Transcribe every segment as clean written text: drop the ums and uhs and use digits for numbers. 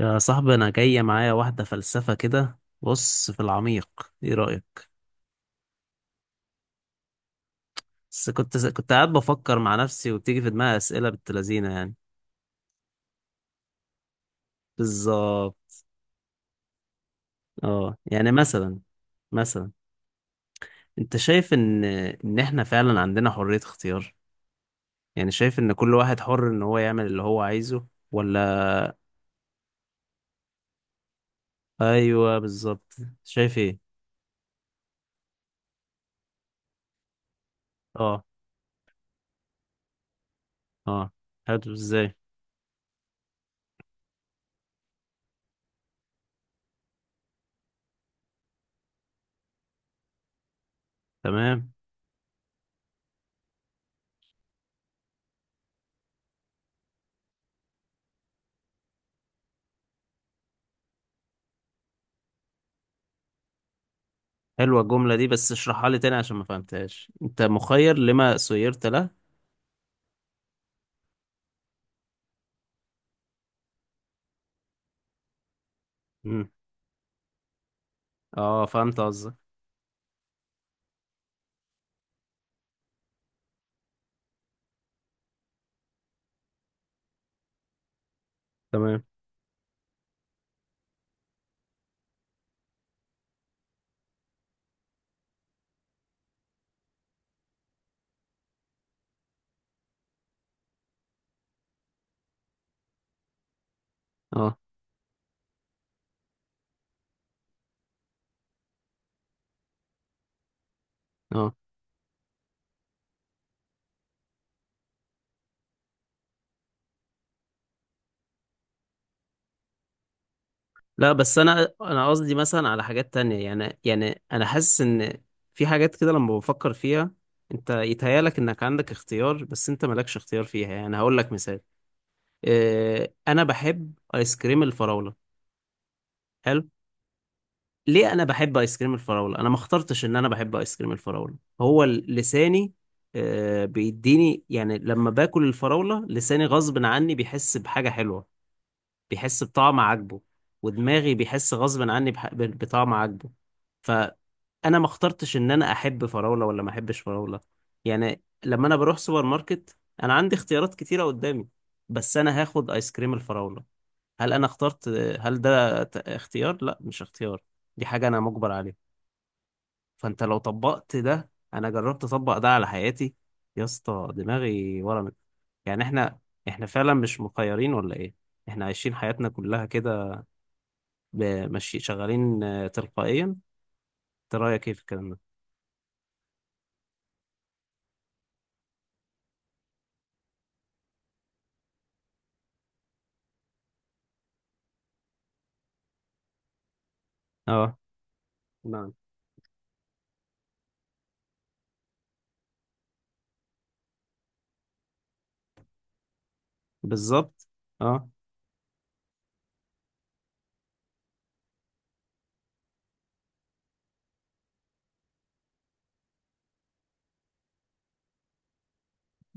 يا صاحبي انا جاية معايا واحدة فلسفة كده، بص في العميق، ايه رأيك؟ بس كنت قاعد بفكر مع نفسي وبتيجي في دماغي أسئلة بنت لذينة يعني. بالظبط. اه، مثلا. مثلا، انت شايف ان احنا فعلا عندنا حرية اختيار؟ يعني شايف ان كل واحد حر ان هو يعمل اللي هو عايزه ولا؟ ايوه بالظبط، شايف ايه؟ اه. اه. حلو، ازاي؟ تمام. حلوة الجملة دي، بس اشرحها لي تاني عشان ما فهمتهاش، انت مخير لما سيرت له؟ مم. اه فهمت قصدك. تمام. اه. اه. لا بس انا قصدي مثلا على حاجات تانية، يعني انا حاسس ان في حاجات كده لما بفكر فيها، انت يتهيالك انك عندك اختيار بس انت مالكش اختيار فيها. يعني هقول لك مثال: انا بحب ايس كريم الفراولة. حلو. ليه انا بحب ايس كريم الفراولة؟ انا ما اخترتش ان انا بحب ايس كريم الفراولة، هو لساني بيديني، يعني لما باكل الفراولة لساني غصب عني بيحس بحاجة حلوة، بيحس بطعم عاجبه، ودماغي بيحس غصب عني بطعم عاجبه. فانا ما اخترتش ان انا احب فراولة ولا ما احبش فراولة. يعني لما انا بروح سوبر ماركت، انا عندي اختيارات كتيرة قدامي، بس انا هاخد ايس كريم الفراولة. هل انا اخترت؟ هل ده اختيار؟ لا مش اختيار، دي حاجة انا مجبر عليها. فانت لو طبقت ده، انا جربت اطبق ده على حياتي، يا اسطى دماغي ورمت. يعني احنا، احنا فعلا مش مخيرين ولا ايه؟ احنا عايشين حياتنا كلها كده، ب- ماشي شغالين تلقائيا. انت رايك ايه في الكلام ده؟ اه. نعم. بالظبط. اه.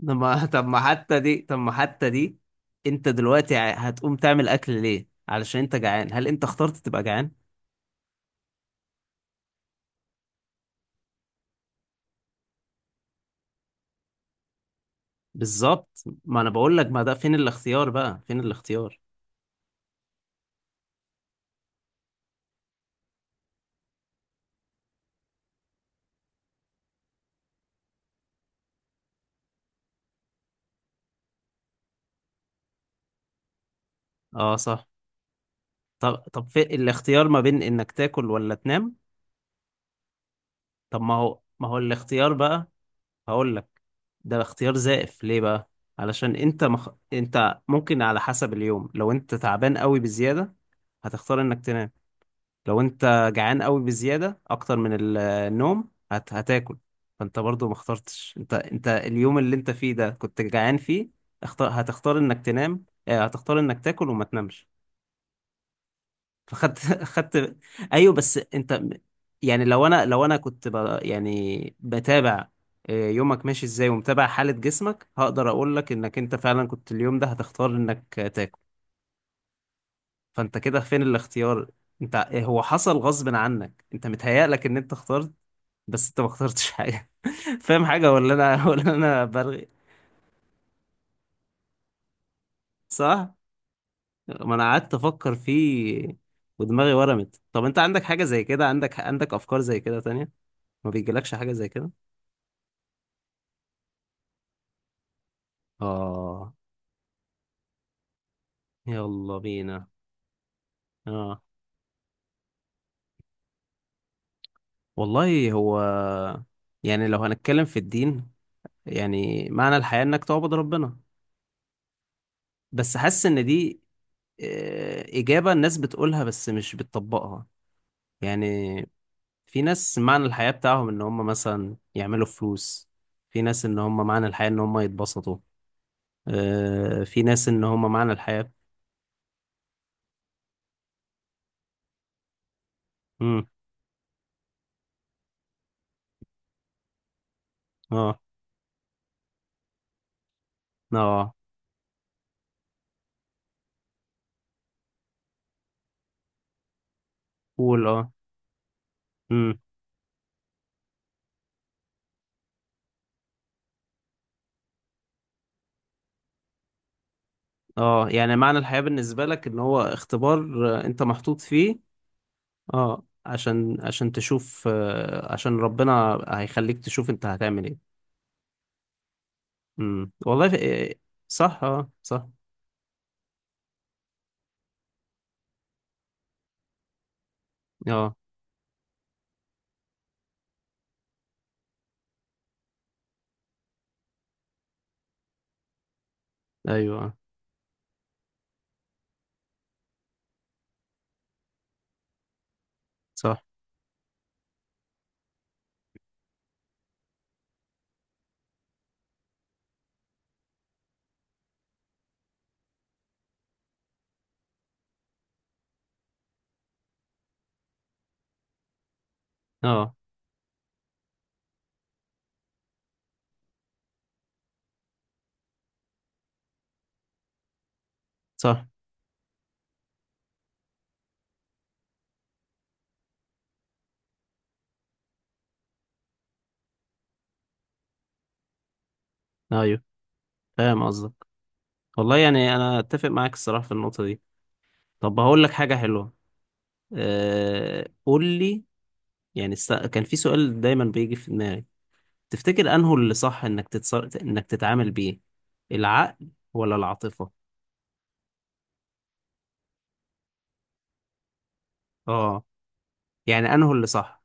طب ما طب ما حتى دي، طب ما حتى دي، انت دلوقتي هتقوم تعمل اكل ليه؟ علشان انت جعان. هل انت اخترت تبقى جعان؟ بالظبط، ما انا بقول لك، ما ده فين الاختيار بقى، فين الاختيار؟ اه صح. طب، طب في الاختيار ما بين انك تاكل ولا تنام، طب ما هو، ما هو الاختيار بقى؟ هقول لك، ده اختيار زائف. ليه بقى؟ علشان انت مخ... انت ممكن على حسب اليوم، لو انت تعبان قوي بزيادة هتختار انك تنام، لو انت جعان قوي بزيادة اكتر من النوم هت... هتاكل. فانت برضو ما اخترتش، انت انت اليوم اللي انت فيه ده كنت جعان فيه، اختار هتختار انك تنام، اه هتختار انك تاكل وما تنامش. فخدت خدت. ايوه بس يعني لو انا، لو انا كنت ب... يعني بتابع يومك ماشي ازاي، ومتابع حالة جسمك، هقدر اقول لك انك انت فعلا كنت اليوم ده هتختار انك تاكل. فانت كده فين الاختيار؟ انت هو حصل غصب عنك، انت متهيألك ان انت اخترت، بس انت ما اخترتش حاجة فاهم حاجة ولا انا، ولا انا برغي؟ صح. ما انا قعدت افكر فيه ودماغي ورمت. طب انت عندك حاجة زي كده؟ عندك، عندك افكار زي كده تانية؟ ما بيجيلكش حاجة زي كده؟ آه. يلا بينا. آه، والله هو، يعني لو هنتكلم في الدين، يعني معنى الحياة إنك تعبد ربنا. بس حاسس إن دي إجابة الناس بتقولها بس مش بتطبقها. يعني في ناس معنى الحياة بتاعهم إن هم مثلا يعملوا فلوس، في ناس إن هم معنى الحياة إن هم يتبسطوا، في ناس إن هم معنى الحياة. مم. آه. آه قول. آه. اه يعني معنى الحياة بالنسبة لك ان هو اختبار انت محطوط فيه. اه عشان، عشان تشوف عشان ربنا هيخليك تشوف انت هتعمل ايه. والله إيه، صح اه صح. اه. ايوه. صح اه صح. ايوه فاهم قصدك. والله يعني انا اتفق معاك الصراحة في النقطة دي. طب هقول لك حاجة حلوة. آه قول لي. يعني است... كان في سؤال دايما بيجي في دماغي، تفتكر انه اللي صح انك تتصر... انك تتعامل بيه العقل ولا العاطفة؟ اه يعني انه اللي صح.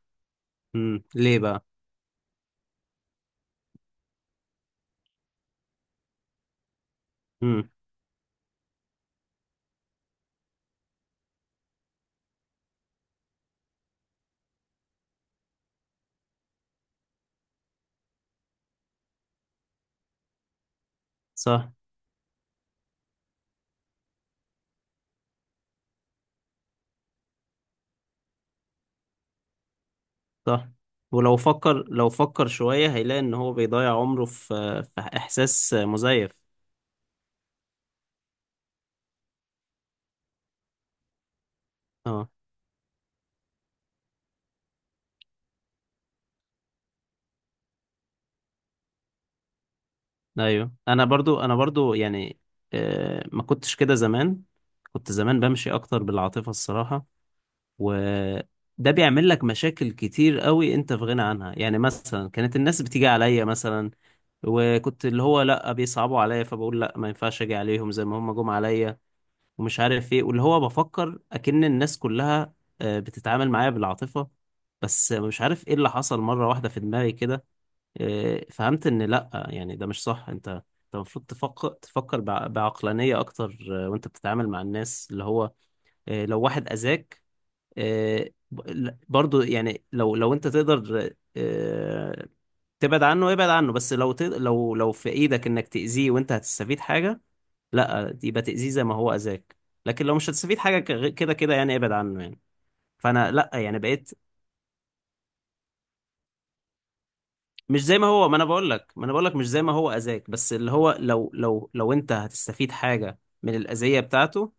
ليه بقى؟ امم. صح. صح. ولو فكر، لو فكر شوية هيلاقي ان هو بيضيع عمره في، في احساس مزيف. اه. ايوه انا برضو، انا برضو يعني آه ما كنتش كده زمان، كنت زمان بمشي اكتر بالعاطفة الصراحة، وده بيعمل لك مشاكل كتير قوي انت في غنى عنها. يعني مثلا كانت الناس بتيجي عليا مثلا، وكنت اللي هو لا بيصعبوا عليا فبقول لا ما ينفعش اجي عليهم زي ما هم جم عليا، ومش عارف ايه، واللي هو بفكر اكن الناس كلها بتتعامل معايا بالعاطفة. بس مش عارف ايه اللي حصل، مرة واحدة في دماغي كده فهمت ان لا، يعني ده مش صح، انت، انت المفروض تفكر، تفكر بعقلانية اكتر وانت بتتعامل مع الناس. اللي هو لو واحد اذاك برضو يعني، لو لو انت تقدر تبعد عنه ابعد عنه، بس لو ت... لو لو في ايدك انك تأذيه وانت هتستفيد حاجة، لا يبقى تأذيه زي ما هو أذاك. لكن لو مش هتستفيد حاجة كده كده، يعني ابعد عنه يعني. فانا لا يعني بقيت. مش زي ما هو، ما انا بقول لك، ما انا بقول لك مش زي ما هو أذاك، بس اللي هو لو، لو انت هتستفيد حاجة من الأذية بتاعته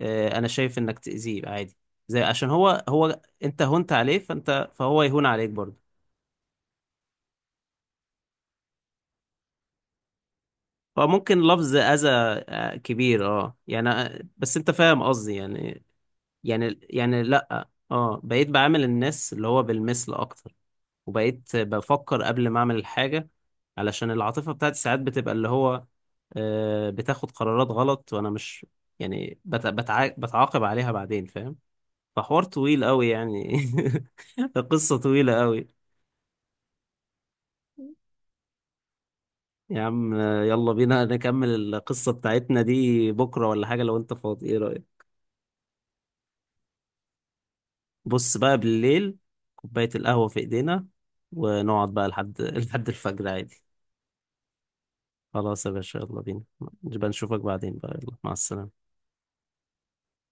انا شايف انك تأذيه عادي. زي عشان هو، هو انت هونت عليه فانت، فهو يهون عليك برضه. هو ممكن لفظ أذى كبير اه يعني بس انت فاهم قصدي يعني. يعني يعني لا اه، بقيت بعامل الناس اللي هو بالمثل اكتر. وبقيت بفكر قبل ما اعمل الحاجة، علشان العاطفة بتاعتي ساعات بتبقى اللي هو بتاخد قرارات غلط، وانا مش يعني بتعاقب عليها بعدين، فاهم؟ فحوار طويل قوي يعني قصة طويلة قوي. يا عم يلا بينا نكمل القصة بتاعتنا دي بكرة ولا حاجة، لو انت فاضي ايه رأيك؟ بص بقى بالليل، كوباية القهوة في ايدينا، ونقعد بقى لحد لحد الفجر عادي. خلاص يا باشا يلا بينا. نبقى نشوفك بعدين بقى، يلا مع السلامة.